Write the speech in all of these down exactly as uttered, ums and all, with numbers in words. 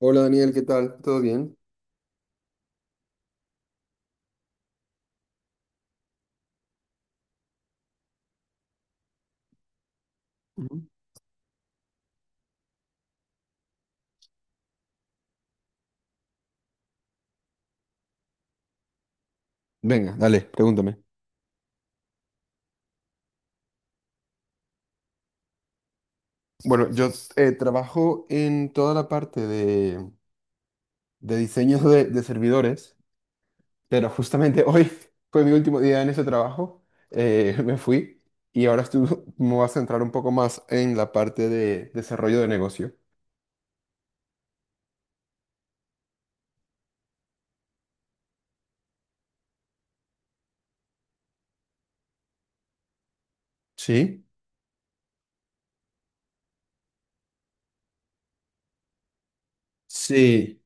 Hola Daniel, ¿qué tal? ¿Todo bien? Ujú. Venga, dale, pregúntame. Bueno, yo eh, trabajo en toda la parte de, de diseños de, de servidores, pero justamente hoy fue mi último día en ese trabajo, eh, me fui y ahora estoy- me voy a centrar un poco más en la parte de desarrollo de negocio. ¿Sí? Sí.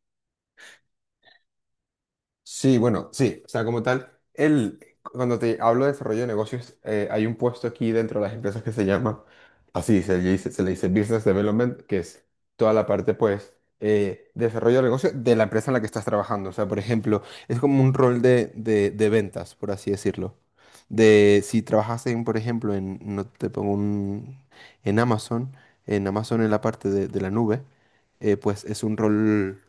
Sí, bueno, sí, o sea, como tal, el, cuando te hablo de desarrollo de negocios, eh, hay un puesto aquí dentro de las empresas que se llama, así se le dice, se le dice Business Development, que es toda la parte, pues, eh, desarrollo de negocio de la empresa en la que estás trabajando. O sea, por ejemplo, es como un rol de, de, de ventas, por así decirlo. De si trabajas en, por ejemplo, en, no te pongo un, en Amazon, en Amazon en la parte de, de la nube, eh, pues es un rol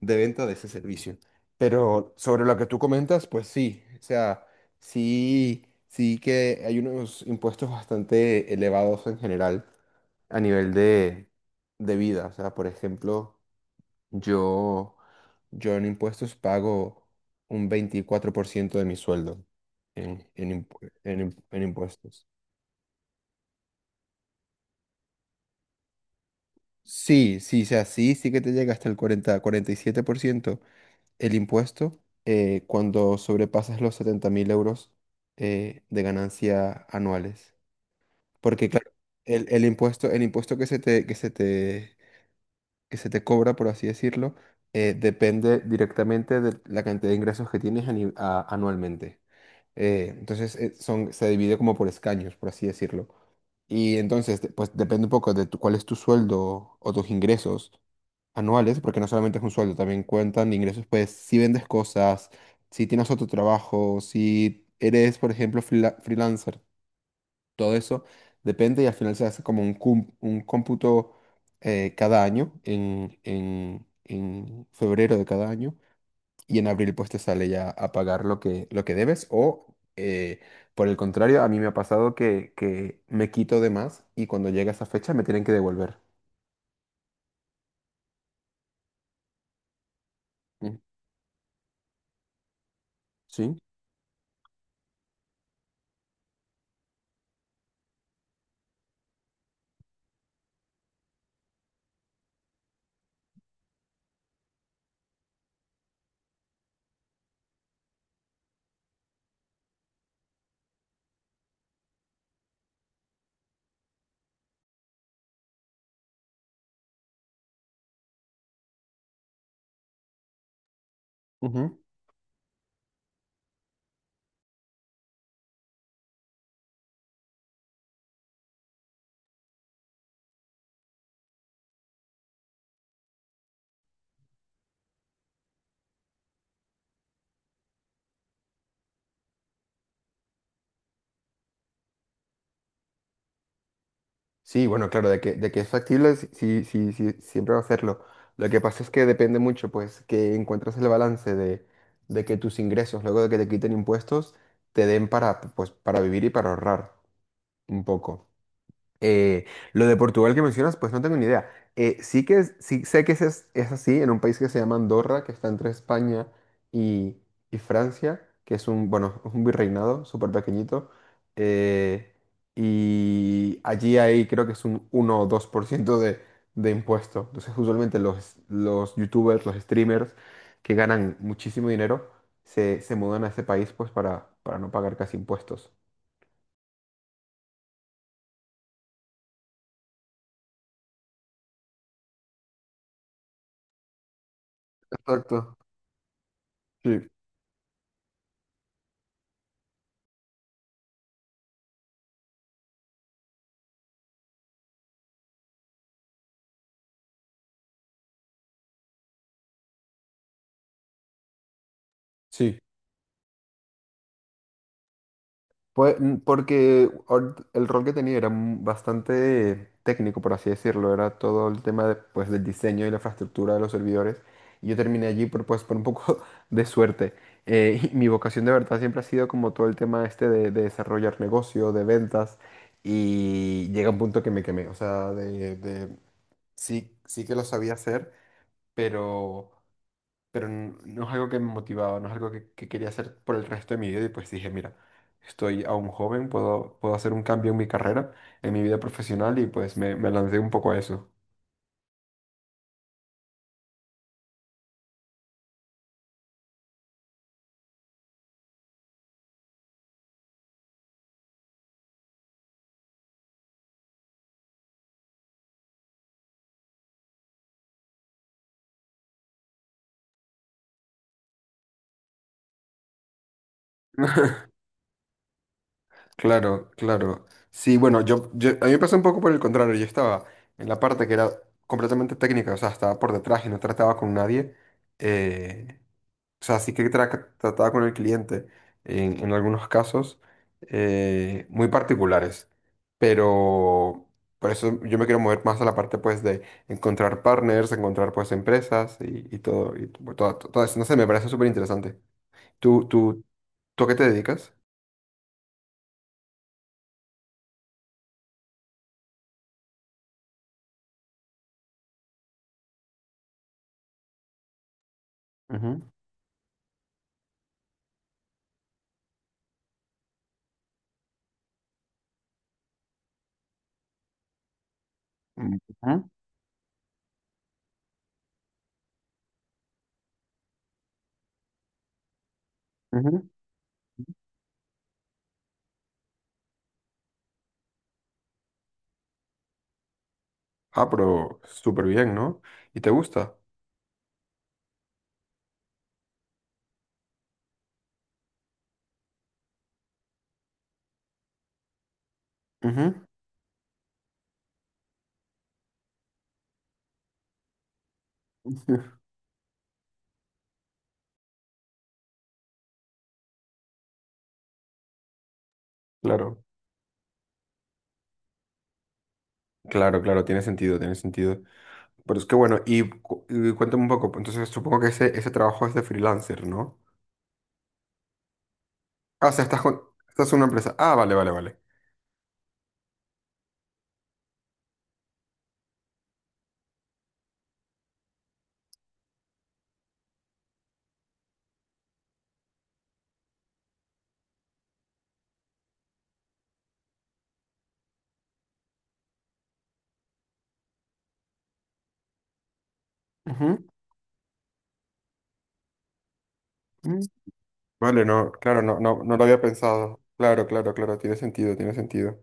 de venta de ese servicio. Pero sobre lo que tú comentas, pues sí, o sea, sí, sí que hay unos impuestos bastante elevados en general a nivel de, de vida. O sea, por ejemplo, yo, yo en impuestos pago un veinticuatro por ciento de mi sueldo en, en, impu- en imp- en impuestos. Sí, sí, o sea, sí, sí que te llega hasta el cuarenta, cuarenta y siete por ciento. El impuesto eh, cuando sobrepasas los setenta mil euros eh, de ganancia anuales. Porque, claro, el, el impuesto, el impuesto que se te, que se te, que se te cobra, por así decirlo, eh, depende directamente de la cantidad de ingresos que tienes ani- a- anualmente. Eh, entonces, eh, son, se divide como por escaños, por así decirlo. Y entonces, de- pues depende un poco de tu- cuál es tu sueldo o tus ingresos anuales, porque no solamente es un sueldo, también cuentan ingresos, pues si vendes cosas, si tienes otro trabajo, si eres, por ejemplo, freela- freelancer, todo eso depende y al final se hace como un, cum- un cómputo eh, cada año, en, en en febrero de cada año y en abril pues te sale ya a pagar lo que, lo que debes o eh, por el contrario, a mí me ha pasado que, que me quito de más y cuando llega esa fecha me tienen que devolver. Mm. Sí. Ujú. Sí, bueno, claro, de que, de que es factible, sí, sí, sí, sí, siempre va a hacerlo. Lo que pasa es que depende mucho, pues, que encuentres el balance de, de que tus ingresos, luego de que te quiten impuestos, te den para, pues, para vivir y para ahorrar un poco. Eh, lo de Portugal que mencionas, pues no tengo ni idea. Eh, sí que es- sí sé que es, es es así en un país que se llama Andorra, que está entre España y, y Francia, que es un, bueno, un virreinado súper pequeñito. eh, y allí hay, creo que es un uno o dos por ciento de, de impuesto. Entonces, usualmente los, los youtubers, los streamers que ganan muchísimo dinero, se, se mudan a ese país pues para, para no pagar casi impuestos. Exacto. Sí. Sí, pues, mm, porque or- el rol que tenía era mm, bastante técnico, por así decirlo, era todo el tema de, pues, del diseño y la infraestructura de los servidores. Y yo terminé allí por, pues, por un poco de suerte. Eh, y mi vocación de verdad siempre ha sido como todo el tema este de, de desarrollar negocio, de ventas, y llega un punto que me quemé, o sea, de, de- sí, sí que lo sabía hacer, pero pero n- no es algo que me motivaba, no es algo que, que quería hacer por el resto de mi vida y pues dije, mira, estoy aún joven, puedo, puedo hacer un cambio en mi carrera, en mi vida profesional y pues me, me lancé un poco a eso. Claro, claro. Sí, bueno, yo, yo, a mí me pasó un poco por el contrario, yo estaba en la parte que era completamente técnica, o sea, estaba por detrás y no trataba con nadie. eh, O sea, sí que tra- trataba con el cliente en, en algunos casos eh, muy particulares, pero por eso yo me quiero mover más a la parte pues de encontrar partners, encontrar pues empresas y, y todo, y to- todo, todo eso. No sé, me parece súper interesante. ¿Tú, tú, tú a qué te dedicas? Ujú. Mm. Ujú. Ujú. Ah, pero súper bien, ¿no? ¿Y te gusta? Ujú. Claro, claro, claro, tiene sentido, tiene sentido. Pero es que bueno, y, cu- y cuéntame un poco, pues, entonces supongo que ese, ese trabajo es de freelancer, ¿no? Ah, o sea, estás con, estás en una empresa. Ah, vale, vale, vale. Ujú, mm. Vale, no, claro, no, no, no lo había pensado. Claro, claro, claro, tiene sentido, tiene sentido.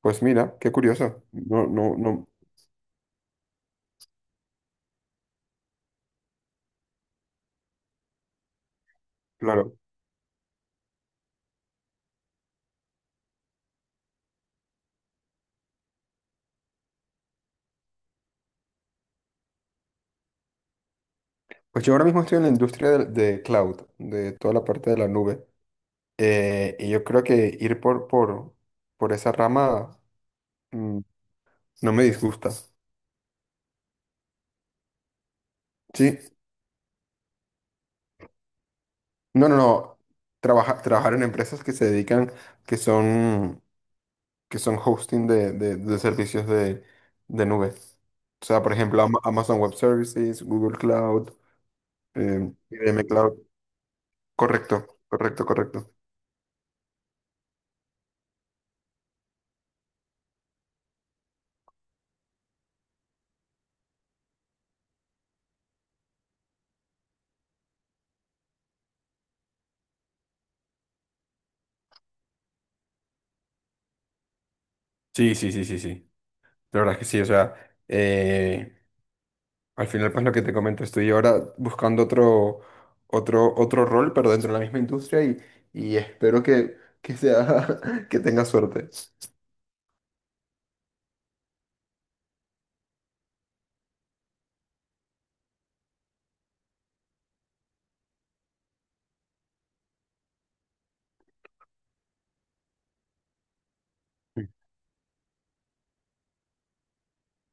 Pues mira, qué curioso. No, no, no, claro. Pues yo ahora mismo estoy en la industria de, de cloud, de toda la parte de la nube. Eh, y yo creo que ir por, por, por esa rama, mm, no me disgusta. Sí, no, no, no. Trabaja- trabajar en empresas que se dedican, que son, que son hosting de, de- de servicios de, de nube. O sea, por ejemplo, Ama- Amazon Web Services, Google Cloud, eh, I B M Cloud. Correcto, correcto, correcto. Sí, sí, sí, sí, sí. La verdad es que sí. O sea, eh, al final, pues lo que te comento, estoy ahora buscando otro, otro, otro rol, pero dentro de la misma industria y, y espero que, que sea, que tenga suerte.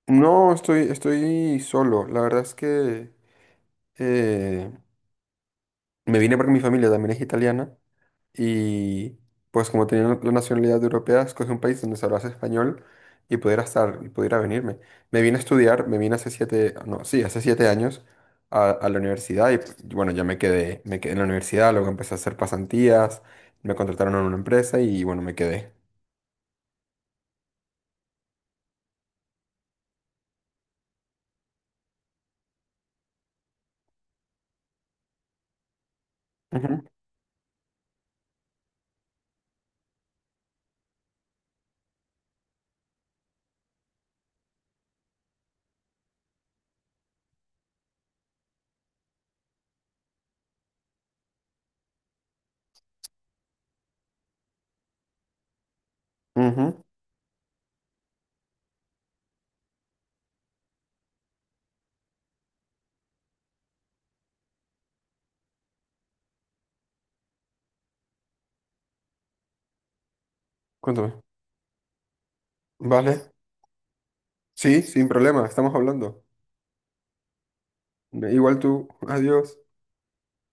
No, estoy, estoy solo. La verdad es que eh, me vine porque mi familia también es italiana y pues como tenía la la nacionalidad europea, escogí un país donde se hablase español y pudiera estar y pudiera venirme. Me vine a estudiar, me vine hace siete, no, sí, hace siete años a, a la universidad y pues, bueno, ya me quedé, me quedé en la universidad, luego empecé a hacer pasantías, me contrataron en una empresa y bueno, me quedé. Ujú, ujú. Cuéntame. Vale. Sí, sin problema, estamos hablando. Igual tú, adiós.